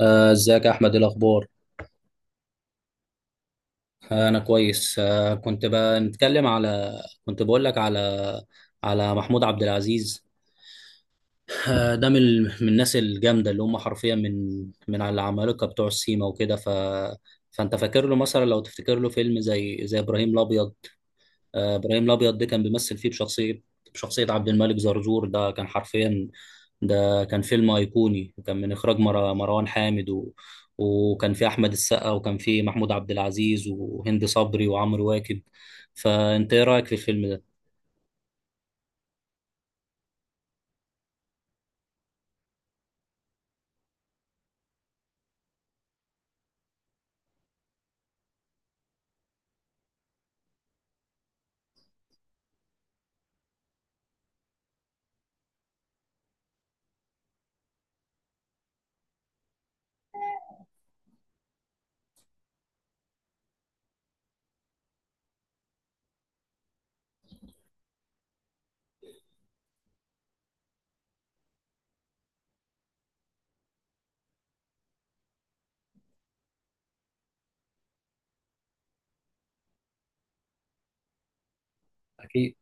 ازيك يا احمد، إيه الاخبار؟ انا كويس. كنت بقول لك على محمود عبد العزيز. ده من الناس الجامده اللي هم حرفيا من على العمالقه بتوع السيما وكده. فانت فاكر له مثلا، لو تفتكر له فيلم زي ابراهيم الابيض. ابراهيم الابيض ده كان بيمثل فيه بشخصيه عبد الملك زرزور، ده كان حرفيا. ده كان فيلم ايقوني، وكان من اخراج مروان حامد، وكان فيه احمد السقا، وكان فيه محمود عبد العزيز وهند صبري وعمرو واكد. فانت ايه رايك في الفيلم ده؟ اكيد.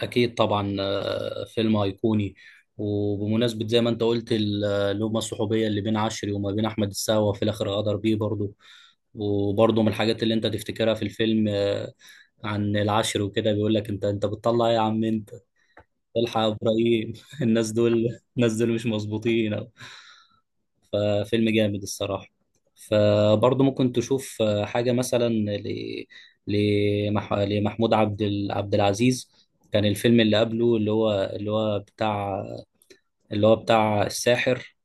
اكيد طبعا. فيلم ايقوني. وبمناسبة زي ما انت قلت اللومة الصحوبية اللي بين عشري وما بين احمد السقا، وفي الاخر غدر بيه برضه. وبرضه من الحاجات اللي انت تفتكرها في الفيلم، عن العشر وكده، بيقول لك: انت بتطلع ايه يا عم انت؟ الحق يا ابراهيم. الناس دول مش مظبوطين أو. ففيلم جامد الصراحه. فبرضه ممكن تشوف حاجه مثلا لمحمود عبد العزيز. كان الفيلم اللي قبله، اللي هو بتاع اللي هو بتاع الساحر.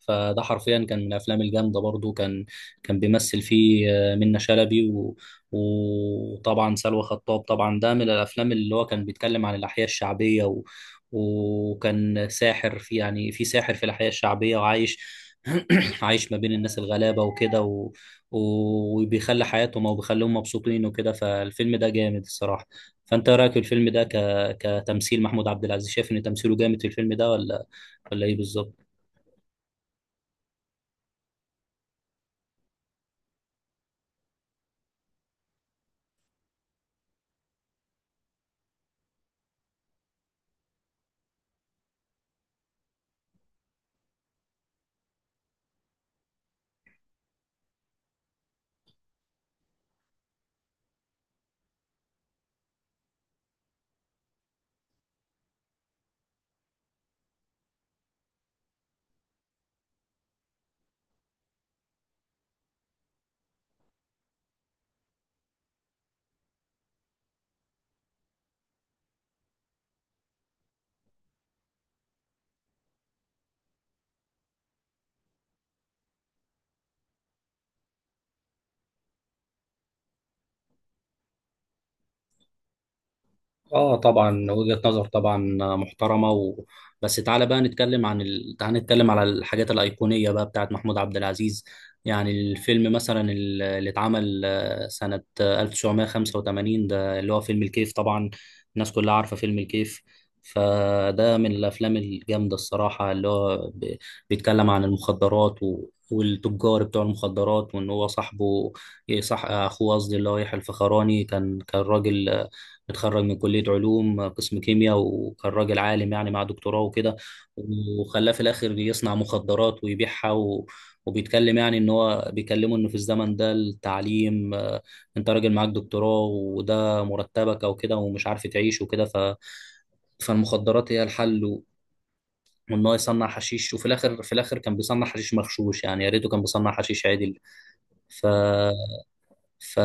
فده حرفيا كان من الافلام الجامده برضو. كان بيمثل فيه منة شلبي، وطبعا سلوى خطاب. طبعا ده من الافلام اللي هو كان بيتكلم عن الاحياء الشعبيه، وكان ساحر، في يعني، في ساحر في الاحياء الشعبيه وعايش. عايش ما بين الناس الغلابه وكده، وبيخلي حياتهم او بيخليهم مبسوطين وكده. فالفيلم ده جامد الصراحه. فانت إيه رايك في الفيلم ده كتمثيل محمود عبد العزيز؟ شايف ان تمثيله جامد في الفيلم ده، ولا ايه بالظبط؟ اه طبعا. وجهة نظر طبعا محترمة. و... بس تعالى بقى نتكلم عن ال... تعالى نتكلم على الحاجات الأيقونية بقى بتاعت محمود عبد العزيز. يعني الفيلم مثلا اللي اتعمل سنة 1985، ده اللي هو فيلم الكيف طبعا. الناس كلها عارفة فيلم الكيف. فده من الأفلام الجامدة الصراحة، اللي هو بيتكلم عن المخدرات، و... والتجار بتوع المخدرات، وان هو صاحبه، صح اخوه قصدي، اللي هو يحيى الفخراني كان راجل اتخرج من كلية علوم قسم كيمياء، وكان راجل عالم يعني، مع دكتوراه وكده. وخلاه في الآخر يصنع مخدرات ويبيعها. و... وبيتكلم يعني، ان هو بيكلمه انه في الزمن ده التعليم، انت راجل معاك دكتوراه، وده مرتبك او كده، ومش عارف تعيش وكده. فالمخدرات هي الحل، و... وان هو يصنع حشيش. وفي الاخر في الاخر كان بيصنع حشيش مغشوش، يعني يا ريته كان بيصنع حشيش عدل. ف... ف...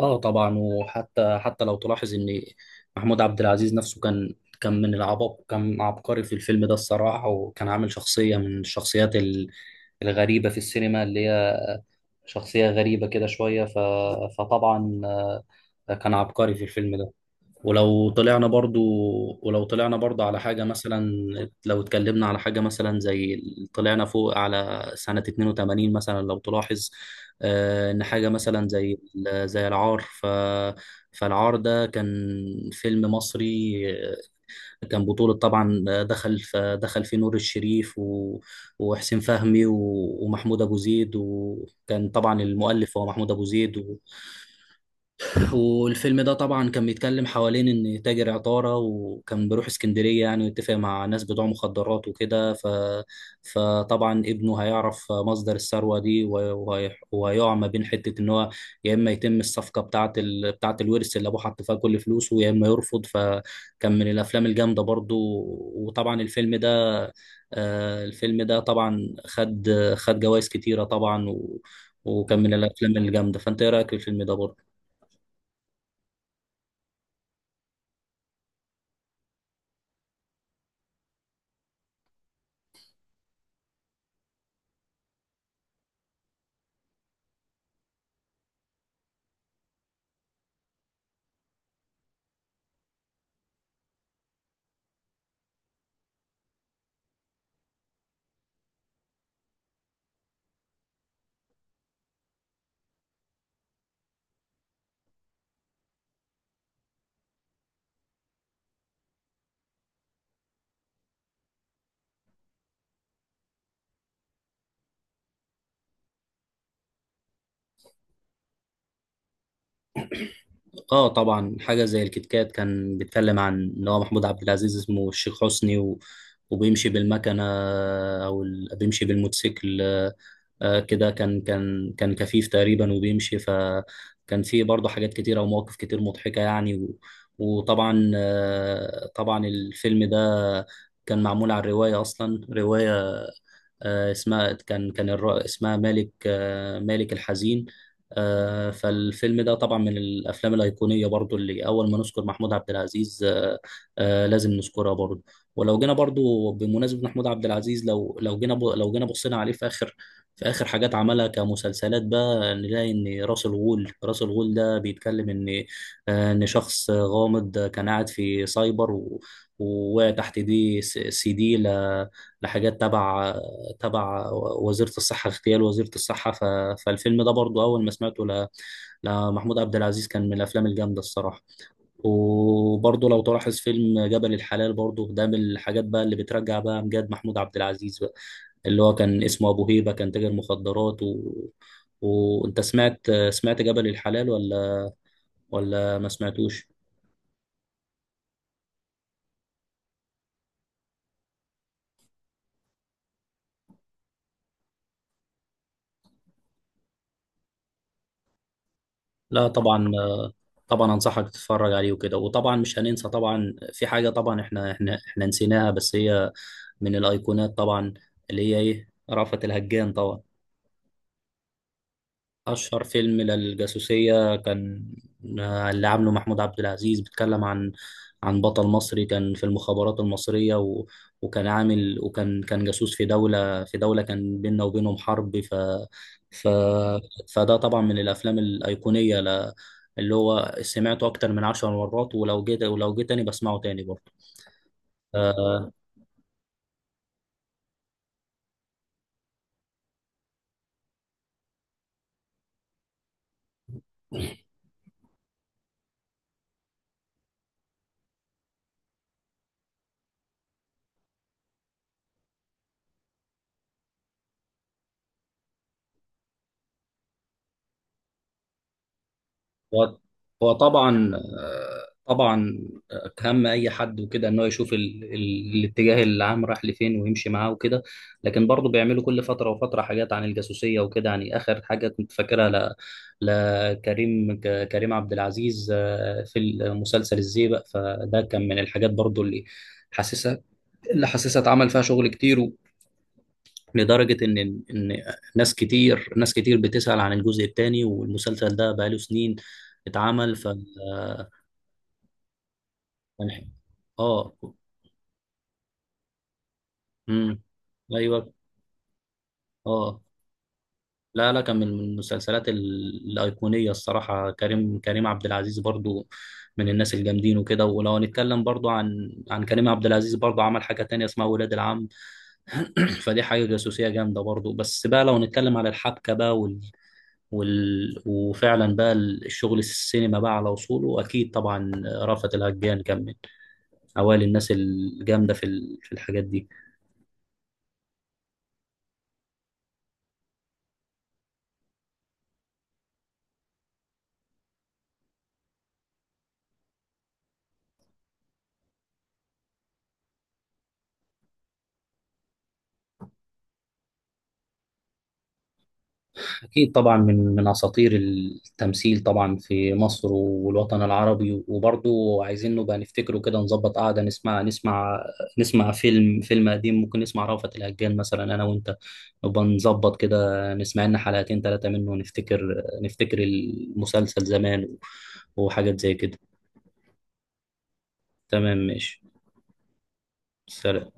اه طبعا. وحتى لو تلاحظ ان محمود عبد العزيز نفسه كان من العباقرة، كان عبقري في الفيلم ده الصراحة، وكان عامل شخصية من الشخصيات الغريبة في السينما، اللي هي شخصية غريبة كده شوية. فطبعا، كان عبقري في الفيلم ده. ولو طلعنا برضو ولو طلعنا برضو على حاجة مثلا، لو اتكلمنا على حاجة مثلا طلعنا فوق على سنة 82 مثلا، لو تلاحظ. إن حاجة مثلا زي العار. فالعار ده كان فيلم مصري. كان بطولة طبعا، دخل فيه نور الشريف، وحسين فهمي، ومحمود أبو زيد، وكان طبعا المؤلف هو محمود أبو زيد. والفيلم ده طبعا كان بيتكلم حوالين ان تاجر عطارة، وكان بيروح اسكندرية يعني، ويتفق مع ناس بتوع مخدرات وكده. فطبعا ابنه هيعرف مصدر الثروة دي، وهيقع ما بين حتة ان هو يا اما يتم الصفقة بتاعة الورث اللي ابوه حط فيها كل فلوسه، يا اما يرفض. فكان من الافلام الجامدة برضو. وطبعا الفيلم ده طبعا خد جوائز كتيرة طبعا. و... وكان من الافلام الجامدة. فانت ايه رأيك في الفيلم ده برضو؟ اه طبعا. حاجه زي الكيت كات كان بيتكلم عن ان هو محمود عبد العزيز اسمه الشيخ حسني، و... وبيمشي بالمكنه، او بيمشي بالموتوسيكل. كده كان كفيف تقريبا، وبيمشي، فكان في برضه حاجات كتيره ومواقف كتير مضحكه يعني. و... وطبعا، طبعا الفيلم ده كان معمول على الروايه اصلا. روايه اسمها اسمها مالك، مالك الحزين. فالفيلم ده طبعا من الافلام الايقونيه برضو، اللي اول ما نذكر محمود عبد العزيز، لازم نذكرها برضو. ولو جينا برضو بمناسبه محمود عبد العزيز، لو جينا بصينا عليه في اخر في اخر حاجات عملها كمسلسلات بقى، نلاقي ان راس الغول ده بيتكلم ان ان شخص غامض كان قاعد في سايبر، ووقع تحت دي سي دي لحاجات تبع وزيرة الصحة، اغتيال وزيرة الصحة. فالفيلم ده برضو أول ما سمعته لمحمود عبد العزيز، كان من الأفلام الجامدة الصراحة. وبرضو لو تلاحظ فيلم جبل الحلال برضو، ده من الحاجات بقى اللي بترجع بقى أمجاد محمود عبد العزيز بقى، اللي هو كان اسمه أبو هيبة، كان تاجر مخدرات. و... وأنت سمعت جبل الحلال، ولا ما سمعتوش؟ لا طبعا. طبعا انصحك تتفرج عليه وكده. وطبعا مش هننسى طبعا في حاجه. طبعا احنا نسيناها، بس هي من الايقونات طبعا، اللي هي ايه؟ رأفت الهجان طبعا. أشهر فيلم للجاسوسية كان، اللي عامله محمود عبد العزيز، بيتكلم عن بطل مصري كان في المخابرات المصرية. و... وكان جاسوس في دولة كان بيننا وبينهم حرب. ف... فده طبعا من الأفلام الأيقونية، اللي هو سمعته أكتر من 10 مرات. ولو جيت تاني بسمعه تاني برضه. آه، هو هو طبعا. طبعا. كهم اي حد وكده، ان هو يشوف الاتجاه العام رايح لفين ويمشي معاه وكده. لكن برضه بيعملوا كل فتره وفتره حاجات عن الجاسوسيه وكده، يعني اخر حاجه كنت فاكرها لكريم كريم عبد العزيز، في مسلسل الزيبق. فده كان من الحاجات برضه حاسسها اللي حاسسها اتعمل فيها شغل كتير، و... لدرجة إن ناس كتير بتسأل عن الجزء الثاني، والمسلسل ده بقاله سنين اتعمل. كان ح- اه. امم ايوه. اه. لا، لا، كان من المسلسلات الايقونيه الصراحه. كريم عبد العزيز برضو، من الناس الجامدين وكده. ولو هنتكلم برضو عن كريم عبد العزيز برضو، عمل حاجه تانية اسمها ولاد العم. فدي حاجه جاسوسيه جامده برضو، بس بقى لو نتكلم على الحبكه بقى، وفعلا بقى الشغل السينما بقى على اصوله. اكيد طبعا رأفت الهجان كان من اوائل الناس الجامده في الحاجات دي. أكيد طبعا، من أساطير التمثيل طبعا في مصر والوطن العربي. وبرضه عايزين نبقى نفتكره كده، نظبط قعدة نسمع فيلم قديم، ممكن نسمع رأفت الهجان مثلا. أنا وأنت نبقى نظبط كده، نسمع لنا حلقتين ثلاثة منه، ونفتكر المسلسل زمان، وحاجات زي كده. تمام ماشي. سلام.